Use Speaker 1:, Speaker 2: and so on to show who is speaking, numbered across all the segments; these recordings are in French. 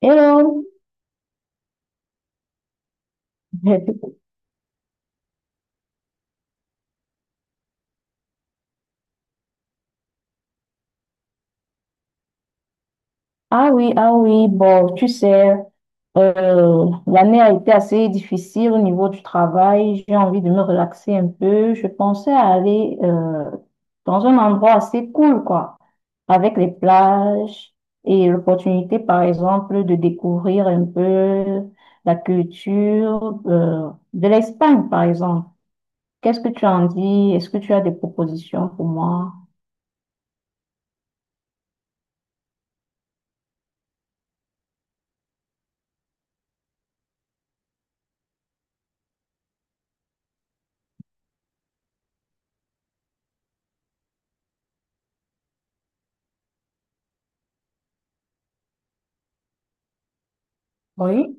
Speaker 1: Hello. Ah oui, ah oui, bon, tu sais, l'année a été assez difficile au niveau du travail. J'ai envie de me relaxer un peu. Je pensais à aller dans un endroit assez cool, quoi, avec les plages et l'opportunité, par exemple, de découvrir un peu la culture de l'Espagne, par exemple. Qu'est-ce que tu en dis? Est-ce que tu as des propositions pour moi? Oui.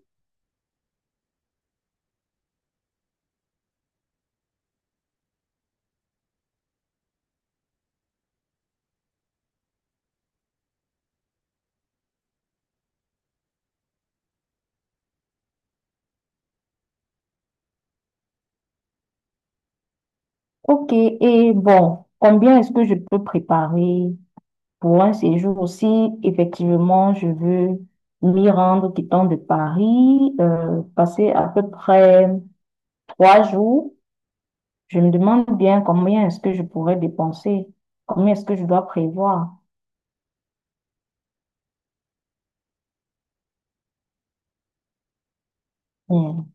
Speaker 1: Ok, et bon, combien est-ce que je peux préparer pour un séjour si effectivement je veux m'y rendre quittant de Paris, passer à peu près 3 jours? Je me demande bien combien est-ce que je pourrais dépenser, combien est-ce que je dois prévoir. Hmm.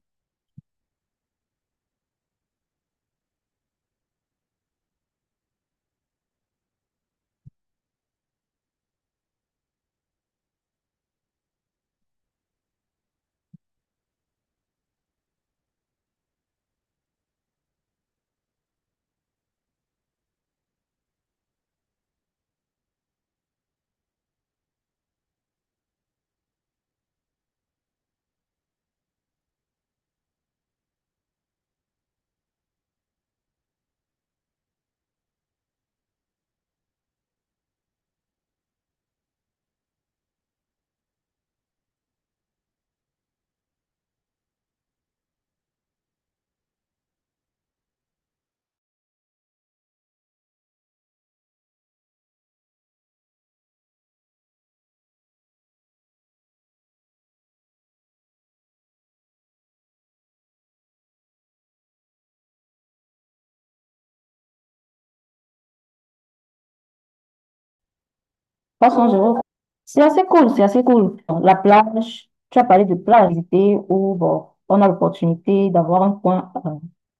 Speaker 1: 300 euros, c'est assez cool, c'est assez cool. La plage, tu as parlé de plage, c'était où bon, on a l'opportunité d'avoir un coin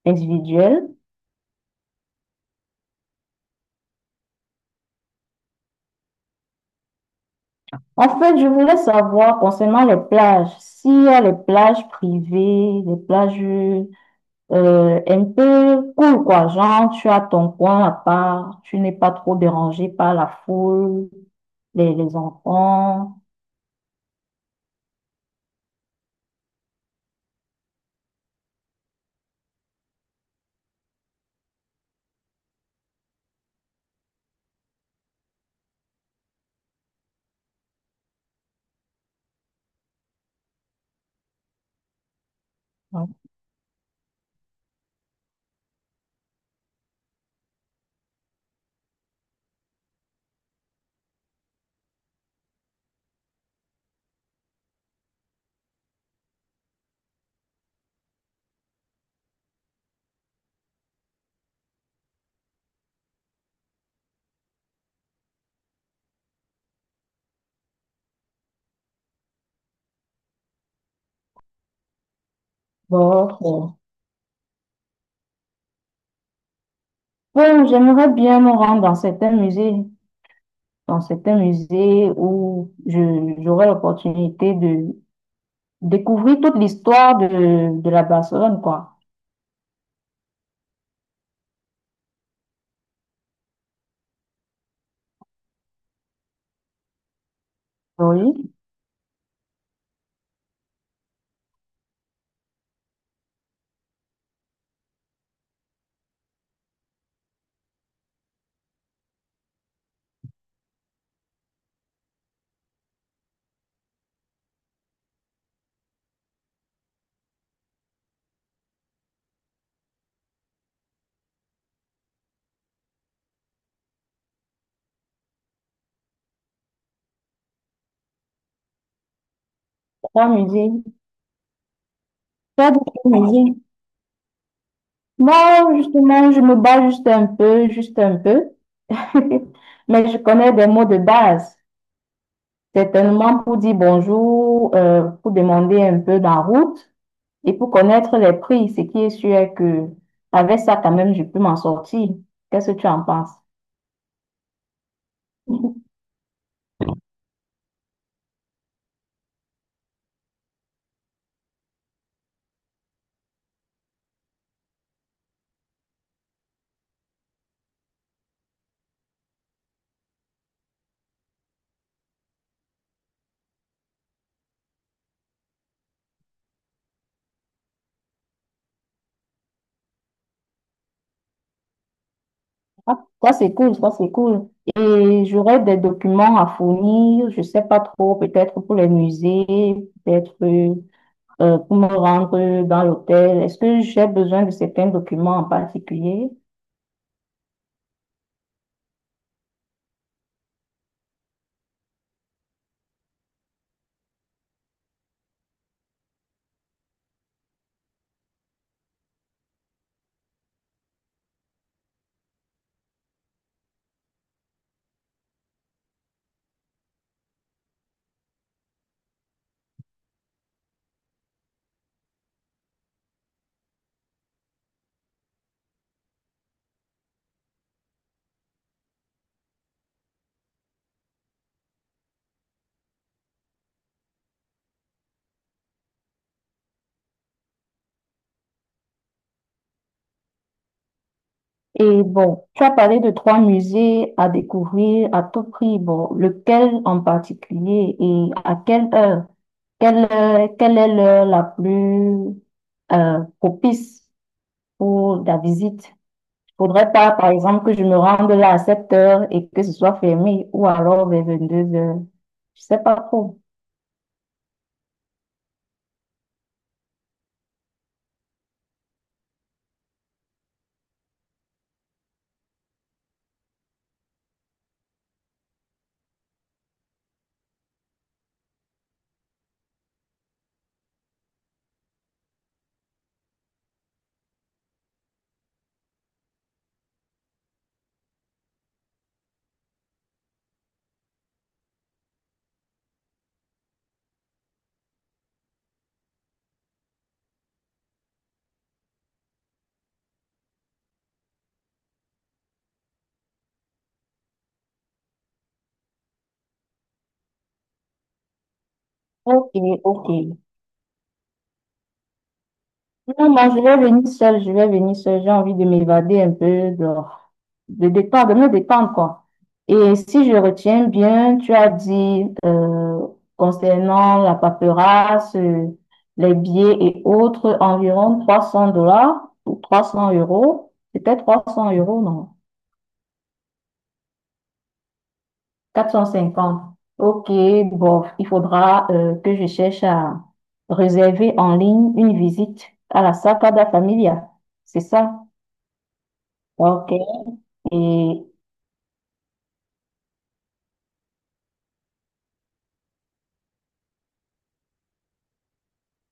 Speaker 1: individuel. En fait, je voulais savoir concernant les plages, s'il y a les plages privées, les plages un peu cool, quoi. Genre, tu as ton coin à part, tu n'es pas trop dérangé par la foule, les enfants, d'autres. Bon, j'aimerais bien me rendre dans certains musées où j'aurai l'opportunité de découvrir toute l'histoire de la Barcelone, quoi. Oui, 3 musées, 3 musées. Non, justement, je me bats juste un peu, juste un peu. Mais je connais des mots de base. Certainement pour dire bonjour, pour demander un peu la route et pour connaître les prix. Ce qui est sûr est que avec ça, quand même, je peux m'en sortir. Qu'est-ce que tu en penses? Ah, ça, c'est cool, ça, c'est cool. Et j'aurai des documents à fournir, je sais pas trop, peut-être pour les musées, peut-être. Pour me rendre dans l'hôtel? Est-ce que j'ai besoin de certains documents en particulier? Et bon, tu as parlé de 3 musées à découvrir à tout prix. Bon, lequel en particulier et à quelle heure? Quelle est l'heure la plus propice pour la visite? Il ne faudrait pas, par exemple, que je me rende là à 7 heures et que ce soit fermé ou alors vers 22 heures. Je ne sais pas trop. Ok, ok. Non, moi, je vais venir seule, je vais venir seule. J'ai envie de m'évader un peu, de, de détendre, de me détendre, quoi. Et si je retiens bien, tu as dit concernant la paperasse, les billets et autres, environ 300 dollars ou 300 euros. C'était 300 euros, non? 450. OK, bon, il faudra que je cherche à réserver en ligne une visite à la Sagrada Familia. C'est ça? OK. Et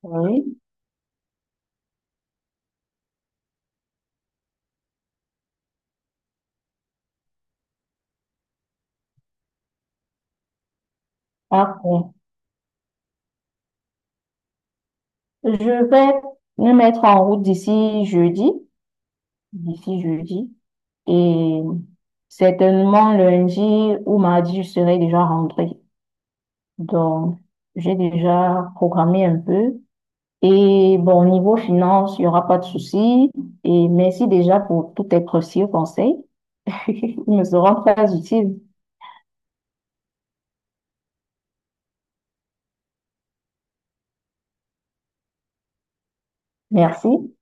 Speaker 1: oui, ah, bon. Je vais me mettre en route d'ici jeudi, et certainement lundi ou mardi, je serai déjà rentrée. Donc, j'ai déjà programmé un peu. Et bon, niveau finance, il n'y aura pas de souci. Et merci déjà pour tous tes précieux conseils. Ils me seront très utiles. Merci.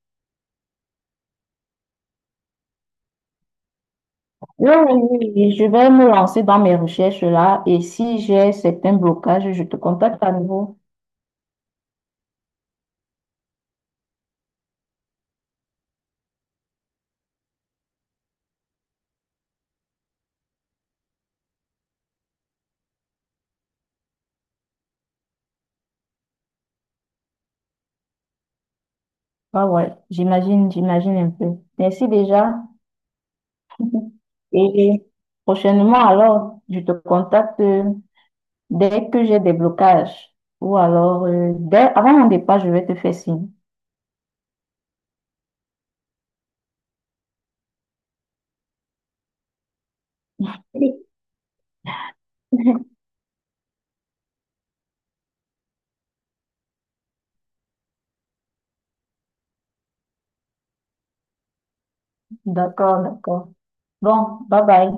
Speaker 1: Oui, oui, oui, je vais me lancer dans mes recherches là et si j'ai certains blocages, je te contacte à nouveau. Ah ouais, j'imagine, j'imagine un peu. Merci déjà. Et prochainement, alors, je te contacte dès que j'ai des blocages ou alors, dès, avant mon départ, je vais te faire signe. D'accord, d'accord. Bon, bye bye.